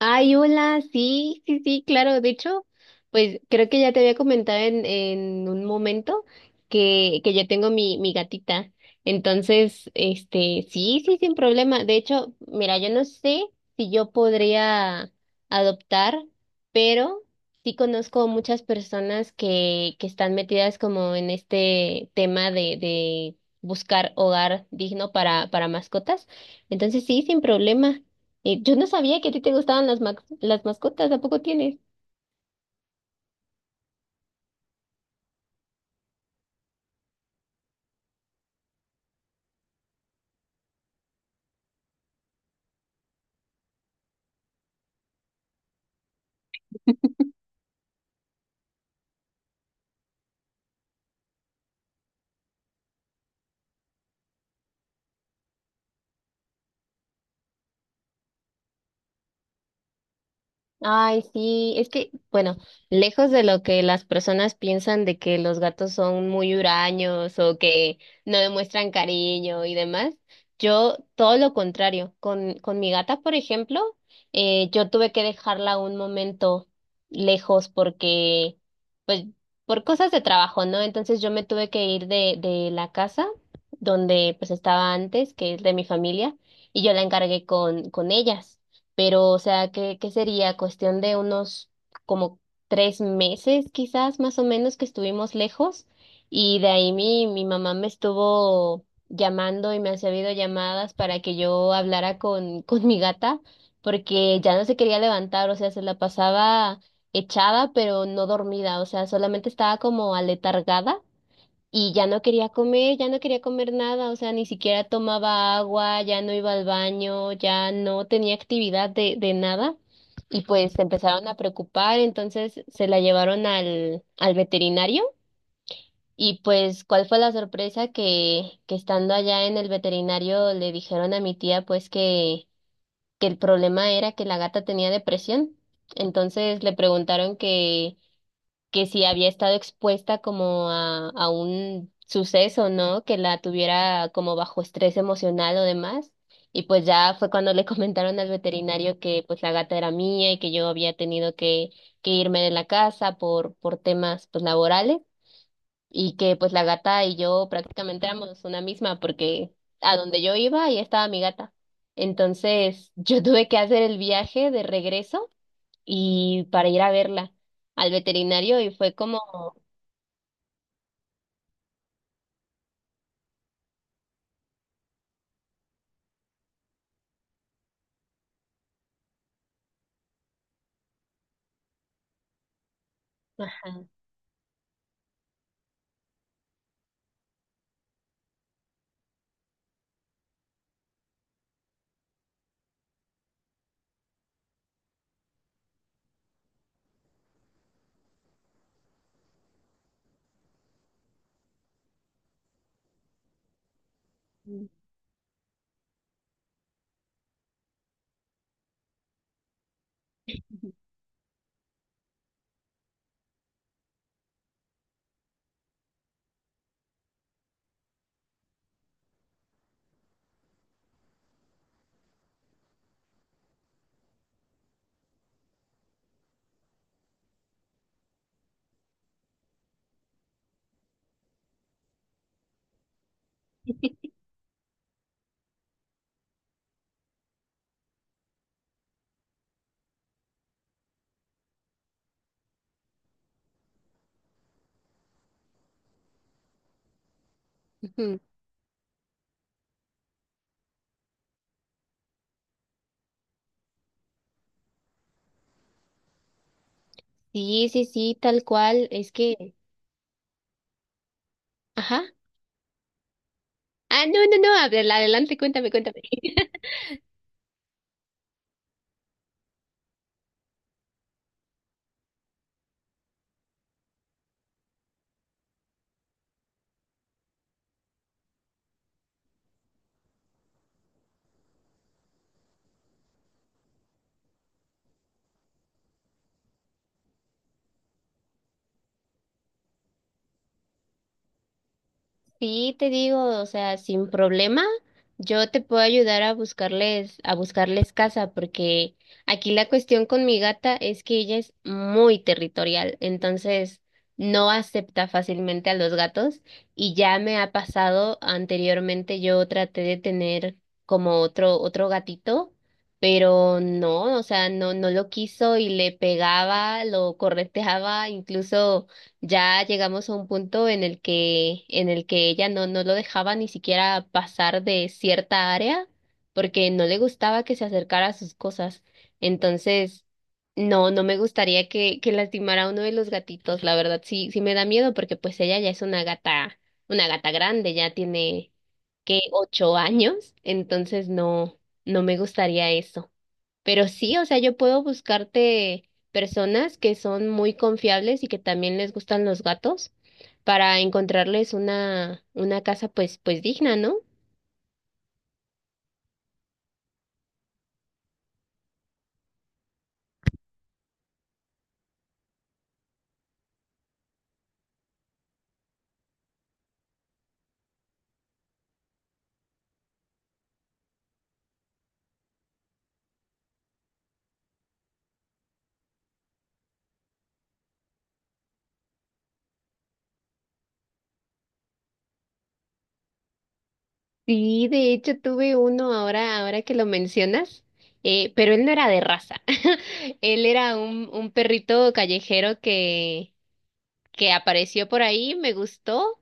Ay, hola, sí, sí, sí, claro. De hecho, pues creo que ya te había comentado en un momento que yo tengo mi gatita. Entonces, sí, sí, sin problema. De hecho, mira, yo no sé si yo podría adoptar, pero sí conozco muchas personas que están metidas como en este tema de buscar hogar digno para mascotas. Entonces, sí, sin problema. Yo no sabía que a ti te gustaban las, las mascotas, ¿a poco tienes? Ay, sí, es que, bueno, lejos de lo que las personas piensan de que los gatos son muy huraños o que no demuestran cariño y demás, yo todo lo contrario. Con mi gata, por ejemplo, yo tuve que dejarla un momento lejos porque, pues, por cosas de trabajo, ¿no? Entonces yo me tuve que ir de la casa donde pues estaba antes, que es de mi familia, y yo la encargué con ellas, pero o sea, ¿qué, qué sería? Cuestión de unos como 3 meses quizás más o menos que estuvimos lejos, y de ahí mi mamá me estuvo llamando y me hacía videollamadas para que yo hablara con mi gata porque ya no se quería levantar. O sea, se la pasaba echada pero no dormida, o sea, solamente estaba como aletargada y ya no quería comer, ya no quería comer nada. O sea, ni siquiera tomaba agua, ya no iba al baño, ya no tenía actividad de nada. Y pues se empezaron a preocupar, entonces se la llevaron al veterinario. Y pues, ¿cuál fue la sorpresa? Que estando allá en el veterinario le dijeron a mi tía pues que el problema era que la gata tenía depresión. Entonces le preguntaron que si había estado expuesta como a un suceso, ¿no? Que la tuviera como bajo estrés emocional o demás. Y pues ya fue cuando le comentaron al veterinario que pues la gata era mía y que yo había tenido que irme de la casa por temas pues laborales, y que pues la gata y yo prácticamente éramos una misma porque a donde yo iba ahí estaba mi gata. Entonces yo tuve que hacer el viaje de regreso y para ir a verla al veterinario, y fue como ajá. Ujú. Sí, sí, sí, tal cual. Es que, ajá. Ah, no, no, no, adelante, cuéntame, cuéntame. Sí, te digo, o sea, sin problema, yo te puedo ayudar a buscarles casa, porque aquí la cuestión con mi gata es que ella es muy territorial, entonces no acepta fácilmente a los gatos, y ya me ha pasado anteriormente. Yo traté de tener como otro gatito, pero no, o sea, no lo quiso y le pegaba, lo correteaba. Incluso ya llegamos a un punto en el que ella no, no lo dejaba ni siquiera pasar de cierta área porque no le gustaba que se acercara a sus cosas. Entonces, no, no me gustaría que lastimara a uno de los gatitos. La verdad, sí, sí me da miedo porque pues ella ya es una gata grande, ya tiene que 8 años. Entonces, no, no me gustaría eso. Pero sí, o sea, yo puedo buscarte personas que son muy confiables y que también les gustan los gatos para encontrarles una casa pues, pues digna, ¿no? Sí, de hecho tuve uno ahora, ahora que lo mencionas, pero él no era de raza. Él era un perrito callejero que apareció por ahí, me gustó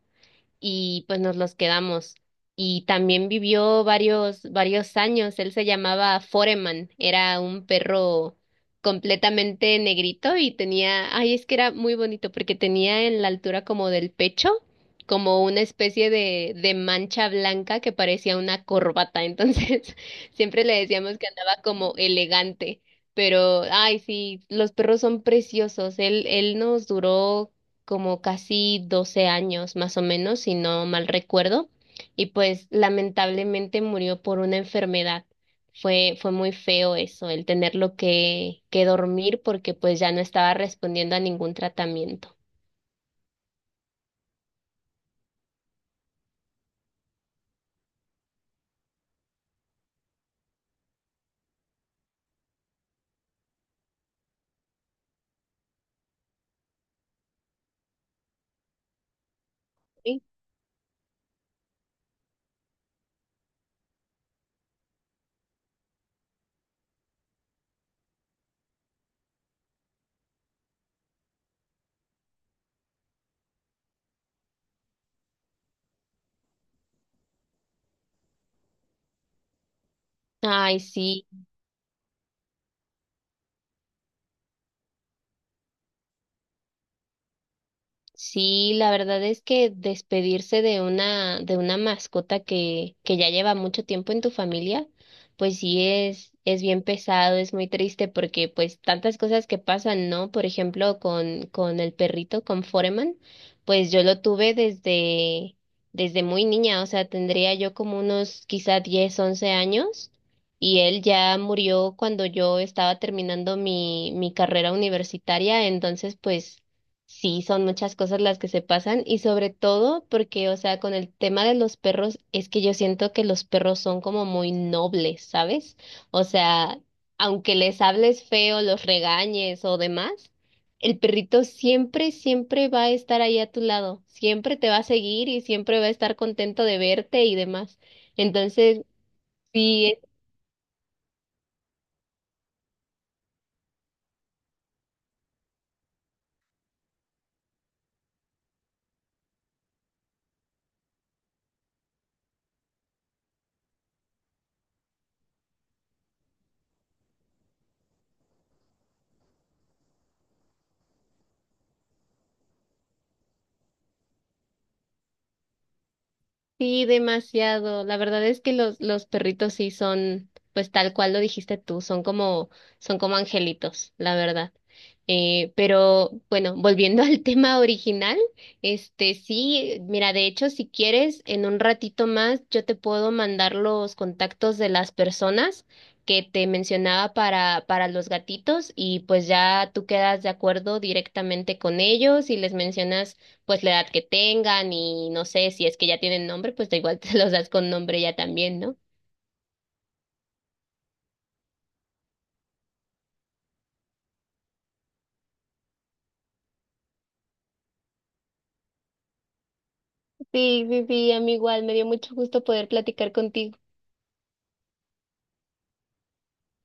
y pues nos los quedamos. Y también vivió varios, varios años. Él se llamaba Foreman, era un perro completamente negrito y tenía, ay, es que era muy bonito porque tenía en la altura como del pecho, como una especie de mancha blanca que parecía una corbata. Entonces, siempre le decíamos que andaba como elegante. Pero, ay, sí, los perros son preciosos. Él nos duró como casi 12 años más o menos, si no mal recuerdo, y pues lamentablemente murió por una enfermedad. Fue, fue muy feo eso, el tenerlo que dormir porque pues ya no estaba respondiendo a ningún tratamiento. Sí. Ay, sí. Sí, la verdad es que despedirse de una mascota que ya lleva mucho tiempo en tu familia, pues sí es bien pesado, es muy triste porque pues tantas cosas que pasan, ¿no? Por ejemplo, con el perrito, con Foreman, pues yo lo tuve desde, desde muy niña. O sea, tendría yo como unos quizá 10 11 años, y él ya murió cuando yo estaba terminando mi carrera universitaria. Entonces pues sí, son muchas cosas las que se pasan, y sobre todo porque, o sea, con el tema de los perros, es que yo siento que los perros son como muy nobles, ¿sabes? O sea, aunque les hables feo, los regañes o demás, el perrito siempre, siempre va a estar ahí a tu lado, siempre te va a seguir y siempre va a estar contento de verte y demás. Entonces, sí, sí. Demasiado. La verdad es que los perritos sí son, pues tal cual lo dijiste tú, son como angelitos, la verdad. Pero bueno, volviendo al tema original, sí, mira, de hecho, si quieres, en un ratito más yo te puedo mandar los contactos de las personas que te mencionaba para los gatitos, y pues ya tú quedas de acuerdo directamente con ellos y les mencionas pues la edad que tengan, y no sé si es que ya tienen nombre, pues da igual te los das con nombre ya también, ¿no? Sí, sí, sí, a mí igual me dio mucho gusto poder platicar contigo.